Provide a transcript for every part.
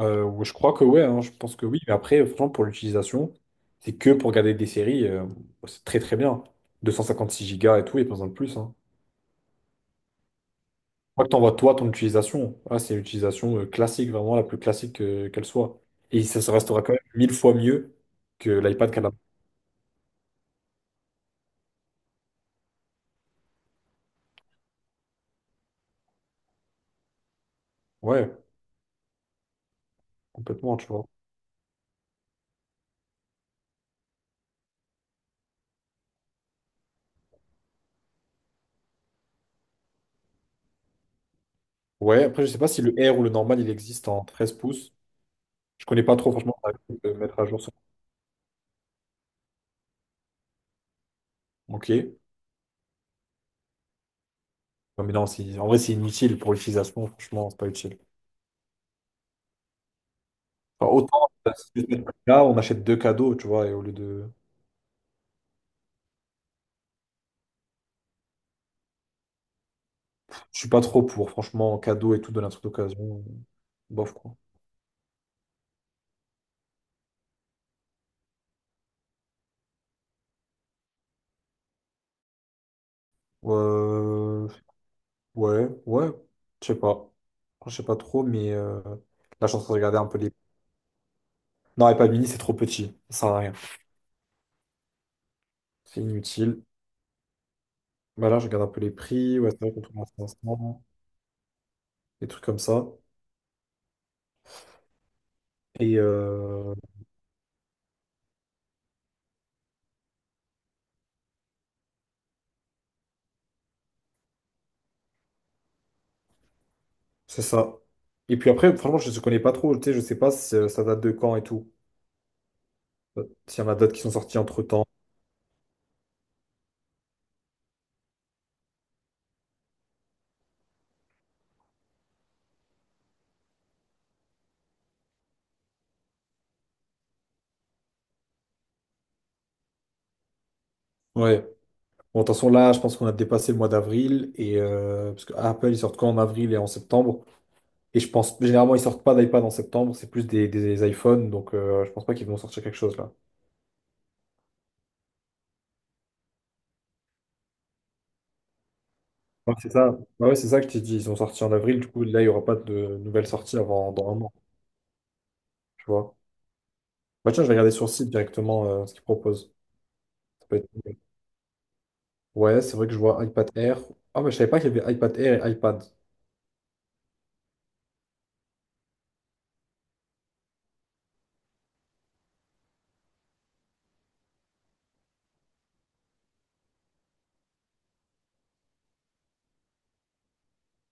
Ouais, je crois que ouais, hein, je pense que oui, mais après, franchement, pour l'utilisation, c'est que pour regarder des séries, bah, c'est très très bien. 256 Go et tout, et pas besoin de plus. Hein. Je crois que t'envoies toi ton utilisation. Ah, c'est l'utilisation classique, vraiment la plus classique qu'elle soit. Et ça se restera quand même mille fois mieux que l'iPad qu'elle a. Ouais, complètement, tu vois. Ouais, après, je sais pas si le R ou le normal, il existe en 13 pouces. Je connais pas trop, franchement, ça va être, mettre à jour ça. Ok. Non, mais non, en vrai, c'est inutile pour l'utilisation, franchement, c'est pas utile. Enfin, autant, si tu veux te mettre là, on achète deux cadeaux, tu vois, et au lieu de. Je suis pas trop pour, franchement, cadeaux et tout, donner un truc d'occasion. Bof, quoi. Euh, Ouais, ouais, je sais pas. Je sais pas trop, mais là, je suis en train de regarder un peu les. Non, et pas mini, c'est trop petit. Ça sert à rien. C'est inutile. Bah là, je regarde un peu les prix. Ouais, c'est vrai qu'on trouve à 500, des trucs comme ça. Et c'est ça. Et puis après, franchement, je ne connais pas trop. Tu sais, je sais pas si ça date de quand et tout. S'il y en a d'autres qui sont sortis entre-temps. Ouais. Bon, attention, là, je pense qu'on a dépassé le mois d'avril et parce que Apple, ils sortent quand en avril et en septembre. Et je pense, généralement, ils sortent pas d'iPad en septembre, c'est plus des iPhones, donc je pense pas qu'ils vont sortir quelque chose là. Ouais, c'est ça. Bah ouais, c'est ça que tu dis. Ils ont sorti en avril, du coup, là, il y aura pas de nouvelles sorties avant dans un an, tu vois. Bah tiens, je vais regarder sur le site directement ce qu'ils proposent. Ça peut être... Ouais, c'est vrai que je vois iPad Air. Ah, mais je savais pas qu'il y avait iPad Air et iPad.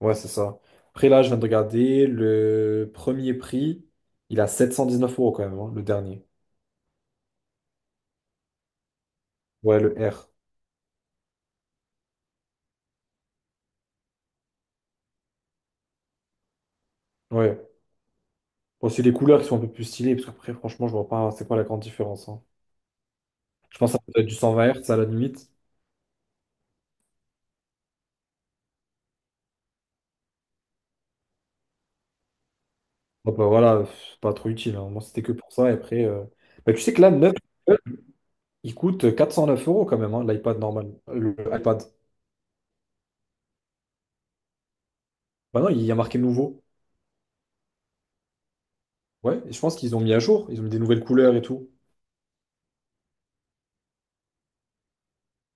Ouais, c'est ça. Après, là, je viens de regarder le premier prix, il a 719 € quand même, hein, le dernier. Ouais, le R. Ouais. Bon, c'est les couleurs qui sont un peu plus stylées, parce qu'après, franchement, je vois pas c'est quoi la grande différence, hein. Je pense que ça peut être du 120 Hz à la limite. Bon, bah, voilà, pas trop utile, hein. Moi, c'était que pour ça. Et après, bah, tu sais que là, 9, il coûte 409 euros quand même, hein, l'iPad normal. Le iPad. Bah non, il y a marqué nouveau. Ouais, et je pense qu'ils ont mis à jour. Ils ont mis des nouvelles couleurs et tout.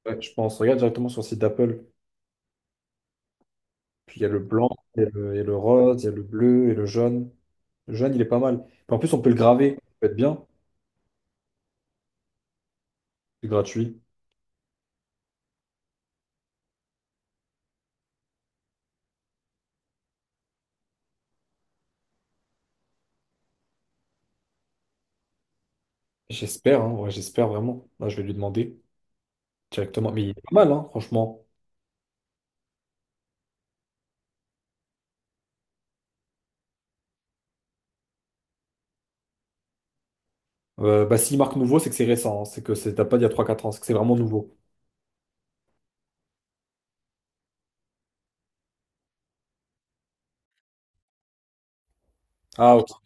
Ouais, je pense. Regarde directement sur le site d'Apple. Puis il y a le blanc, il y a le rose, il y a le bleu et le jaune. Le jaune, il est pas mal. Puis en plus, on peut le graver. Ça peut être bien. C'est gratuit. J'espère, hein, ouais, j'espère vraiment. Là, je vais lui demander directement. Mais il est pas mal, hein, franchement. Bah, s'il marque nouveau, c'est que c'est récent, hein. C'est que ça date pas d'il y a trois quatre ans. C'est que c'est vraiment nouveau. Ah, ok.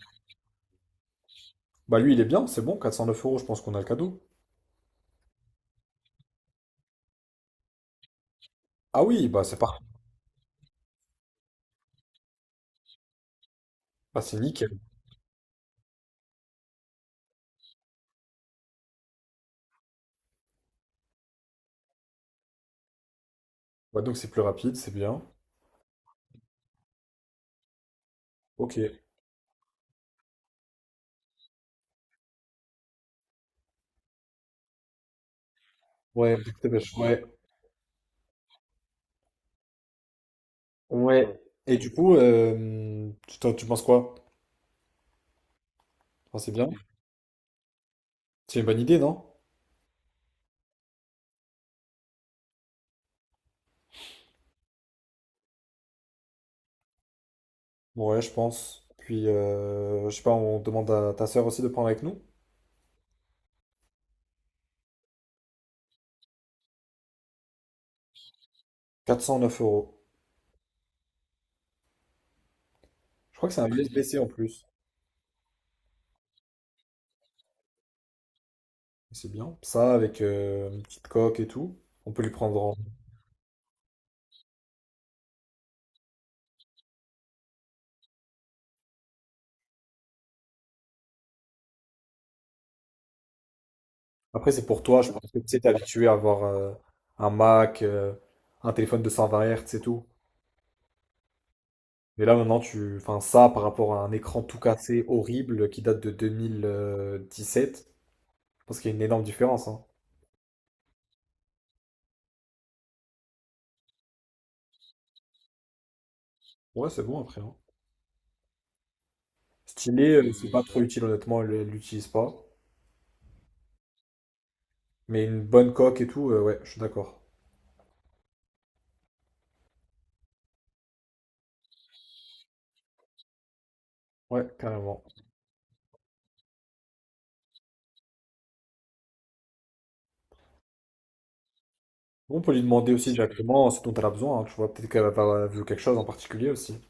Bah, lui, il est bien. C'est bon. 409 euros, je pense qu'on a le cadeau. Ah oui, bah, c'est parfait. Ah, c'est nickel. Bah, donc, c'est plus rapide. C'est bien. Ok. Ouais, je te pêche, ouais, ouais. Et du coup, tu penses quoi? Enfin, c'est bien. C'est une bonne idée, non? Ouais, je pense. Puis, je sais pas, on demande à ta sœur aussi de prendre avec nous. 409 euros. Je crois que c'est un USB-C en plus. C'est bien. Ça, avec une petite coque et tout, on peut lui prendre en... Après, c'est pour toi, je pense que tu sais, t'es habitué à avoir un Mac, un téléphone de 120 Hz et tout. Mais là, maintenant, tu... Enfin, ça, par rapport à un écran tout cassé, horrible, qui date de 2017, je pense qu'il y a une énorme différence, hein. Ouais, c'est bon après, hein. Stylé, c'est pas trop utile, honnêtement, elle l'utilise pas. Mais une bonne coque et tout, ouais, je suis d'accord. Ouais, carrément. On peut lui demander aussi directement ce dont elle a besoin, hein, tu vois, peut-être qu'elle va avoir vu quelque chose en particulier aussi.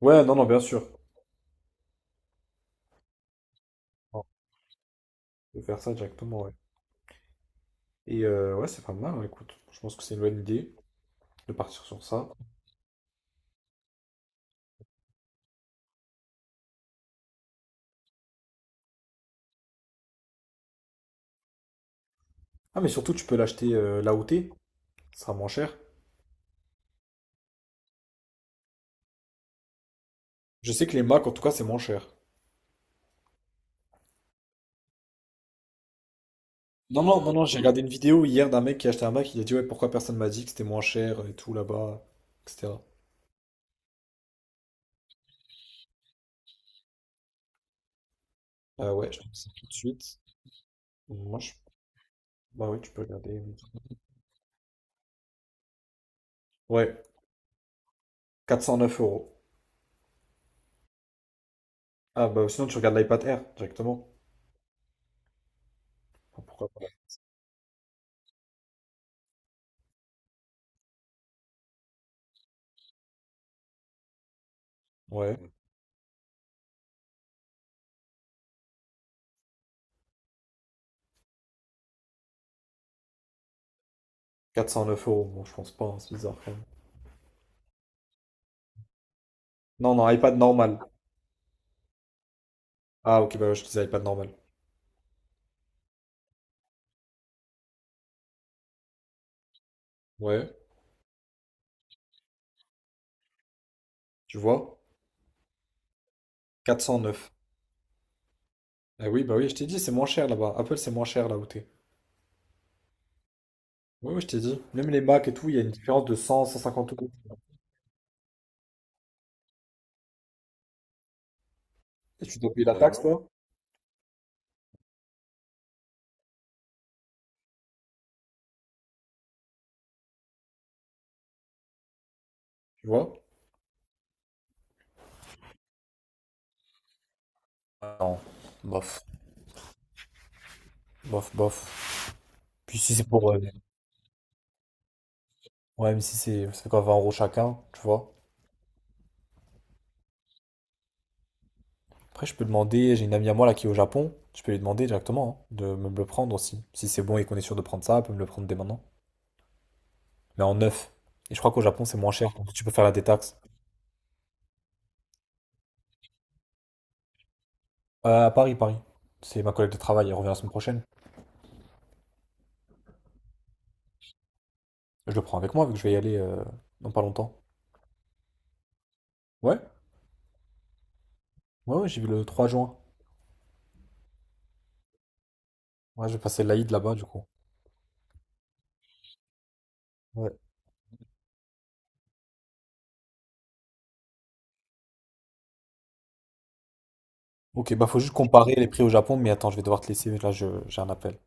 Ouais, non, non, bien sûr. On peut faire ça directement, ouais. Et ouais, c'est pas mal, hein, écoute. Je pense que c'est une bonne idée de partir sur ça. Ah, mais surtout, tu peux l'acheter là où t'es. Ça sera moins cher. Je sais que les Mac, en tout cas, c'est moins cher. Non, non, non, non, j'ai regardé une vidéo hier d'un mec qui a acheté un Mac. Il a dit, ouais, pourquoi personne m'a dit que c'était moins cher et tout là-bas, etc. Ouais, je te dis ça tout de suite. Moi, je... Bah oui, tu peux regarder, oui. Ouais, 409 euros. Ah, bah sinon, tu regardes l'iPad Air directement. Enfin, pourquoi pas? Ouais, 409 euros. Bon, je pense pas, hein, c'est bizarre quand même. Non, non, iPad normal. Ah, ok, bah ouais, je disais iPad normal. Ouais, tu vois, 409. Eh oui, bah oui, je t'ai dit, c'est moins cher là-bas. Apple, c'est moins cher là où t'es. Oui, oui, je t'ai dit. Même les Mac et tout, il y a une différence de 100 150 euros. Et tu dois payer la, ouais, taxe, toi, tu vois? Non, bof, bof, bof. Puis si c'est pour... ouais, mais si c'est... Ça fait quoi, 20 € chacun, tu vois? Après, je peux demander... J'ai une amie à moi là qui est au Japon. Je peux lui demander directement, hein, de me le prendre aussi. Si c'est bon et qu'on est sûr de prendre ça, elle peut me le prendre dès maintenant. Mais en neuf. Et je crois qu'au Japon, c'est moins cher. Donc tu peux faire la détaxe. À Paris, Paris. C'est ma collègue de travail, elle revient la semaine prochaine. Je le prends avec moi, vu que je vais y aller dans pas longtemps. Ouais, ouais, ouais, j'y vais le 3 juin. Ouais, je vais passer l'Aïd là-bas, du coup. Ouais. Ok, bah faut juste comparer les prix au Japon, mais attends, je vais devoir te laisser, là, j'ai un appel.